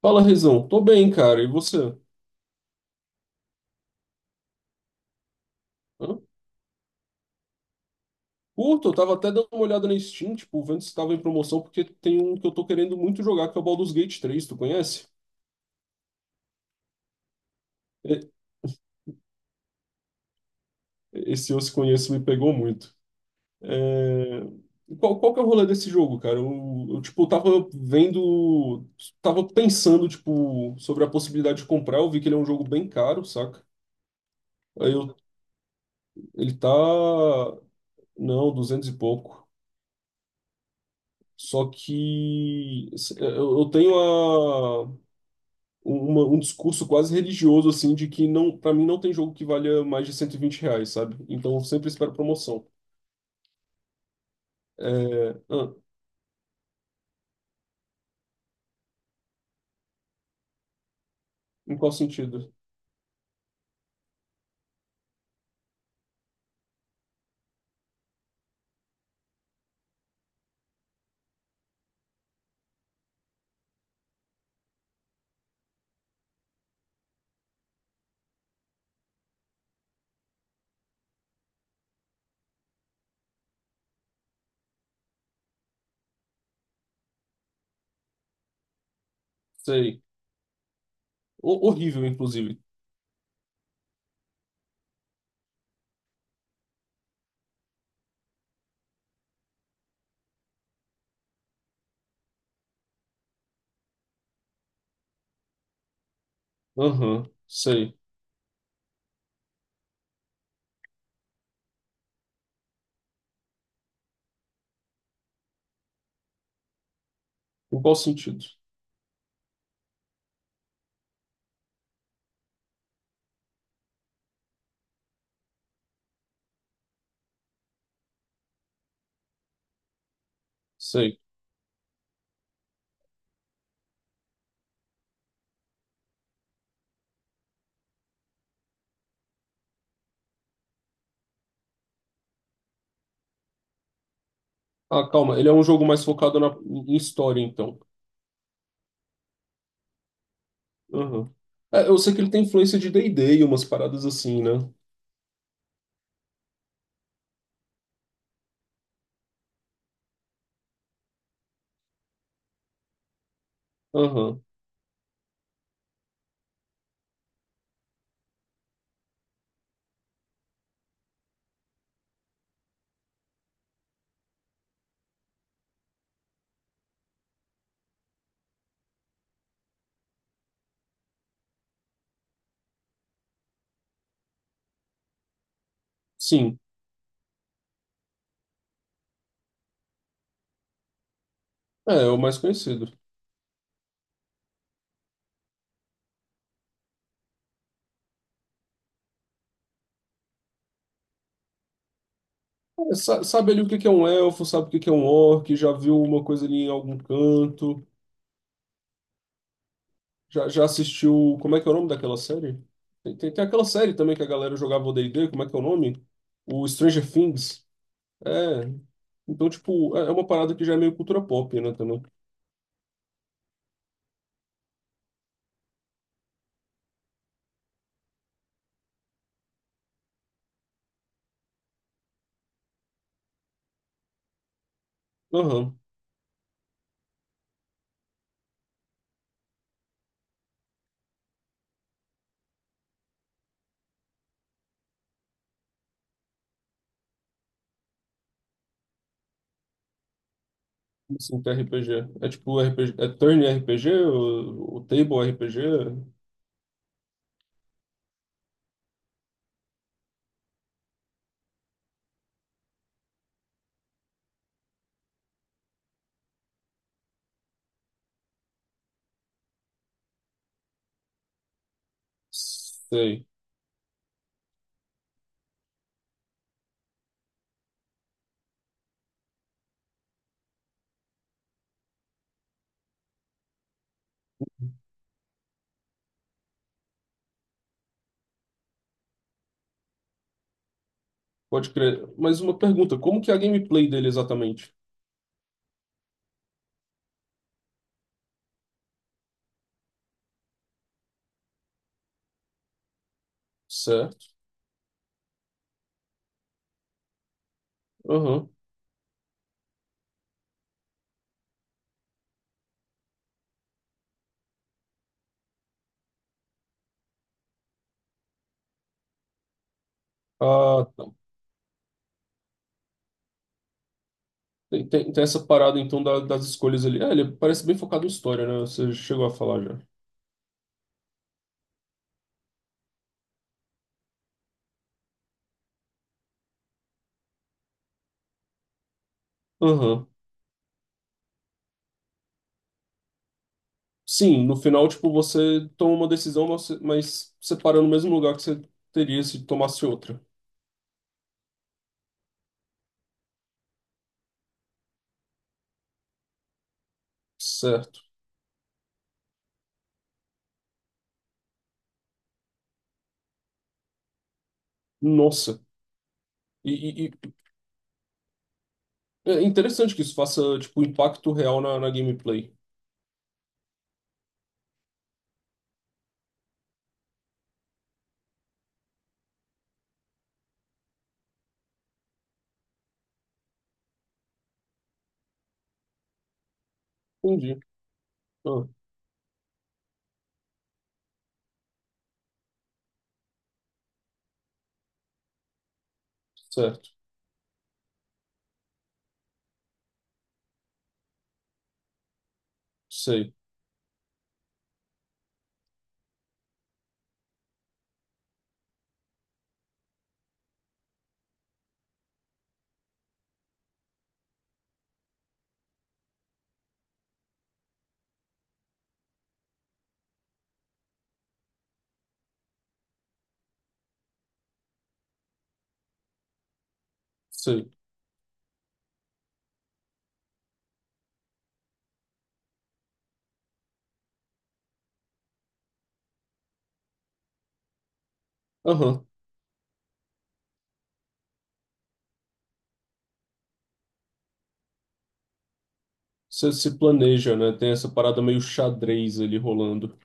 Fala, Rezão. Tô bem, cara. E você? Hã? Curto, eu tava até dando uma olhada na Steam, tipo, vendo se tava em promoção, porque tem um que eu tô querendo muito jogar, que é o Baldur's Gate 3, tu conhece? E- Esse eu se conheço me pegou muito. É, qual que é o rolê desse jogo, cara? Eu, tipo, tava vendo, tava pensando, tipo, sobre a possibilidade de comprar, eu vi que ele é um jogo bem caro, saca? Aí eu, ele tá, não, 200 e pouco. Só que eu tenho um discurso quase religioso, assim, de que não, para mim não tem jogo que valha mais de R$ 120, sabe? Então eu sempre espero promoção. É, ah, em qual sentido? Sei. Horrível, inclusive. Aham, sei. Em qual sentido? Sei. Ah, calma, ele é um jogo mais focado em história, então. Aham. É, eu sei que ele tem influência de D&D e D e umas paradas assim, né? Aham, sim. É, é o mais conhecido. É, sabe ali o que que é um elfo, sabe o que que é um orc, já viu uma coisa ali em algum canto. Já, já assistiu. Como é que é o nome daquela série? Tem aquela série também que a galera jogava o D&D, como é que é o nome? O Stranger Things. É. Então, tipo, é uma parada que já é meio cultura pop, né, também. Aham. Assim, que é RPG. É tipo RPG. É turn RPG? O table RPG? Sei. Pode crer. Mas uma pergunta: como que é a gameplay dele exatamente? Certo. Aham. Ah, tá. Tem essa parada então das escolhas ali. É, ele parece bem focado em história, né? Você chegou a falar já. Aham. Sim, no final, tipo, você toma uma decisão, mas você para no mesmo lugar que você teria se tomasse outra. Certo. Nossa. E, e- e- É interessante que isso faça, tipo, impacto real na, na gameplay. Entendi. Ah, certo. Sei. Sei. Aham. Você se planeja, né? Tem essa parada meio xadrez ali rolando.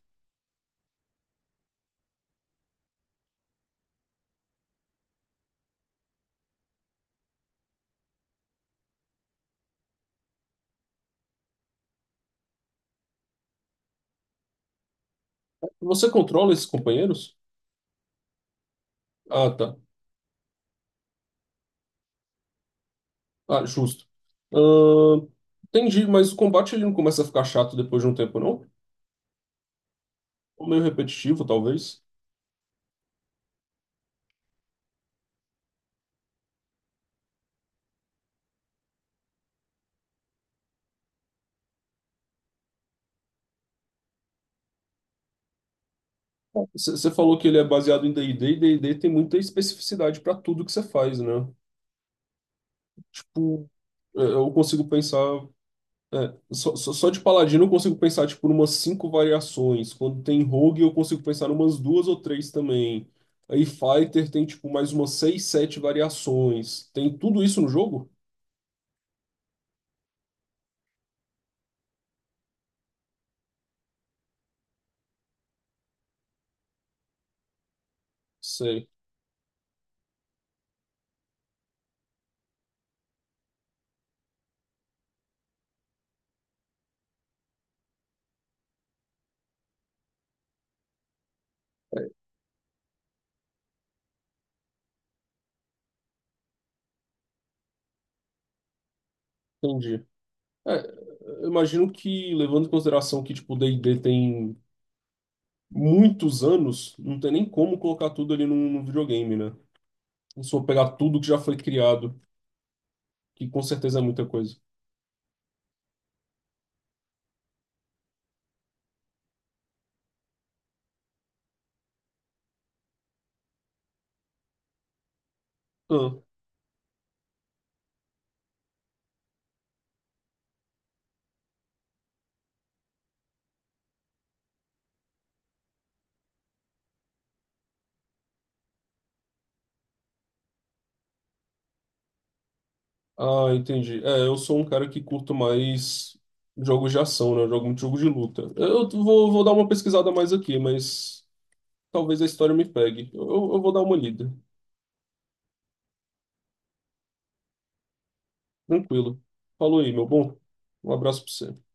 Você controla esses companheiros? Ah, tá. Ah, justo. Ahn, entendi, mas o combate ele não começa a ficar chato depois de um tempo, não? Ou meio repetitivo, talvez. Você falou que ele é baseado em D&D, e D&D tem muita especificidade para tudo que você faz, né? Tipo, é, eu consigo pensar... É, só de Paladino eu consigo pensar, tipo, umas cinco variações. Quando tem Rogue, eu consigo pensar umas duas ou três também. Aí Fighter tem, tipo, mais umas seis, sete variações. Tem tudo isso no jogo? Sei, entendi. É, eu imagino que, levando em consideração que, tipo, D&D tem... muitos anos, não tem nem como colocar tudo ali num, num videogame, né? Se for pegar tudo que já foi criado, que com certeza é muita coisa. Ah, ah, entendi. É, eu sou um cara que curto mais jogos de ação, né? Eu jogo muito jogo de luta. Eu vou dar uma pesquisada mais aqui, mas talvez a história me pegue. Eu vou dar uma lida. Tranquilo. Falou aí, meu bom. Um abraço pra você.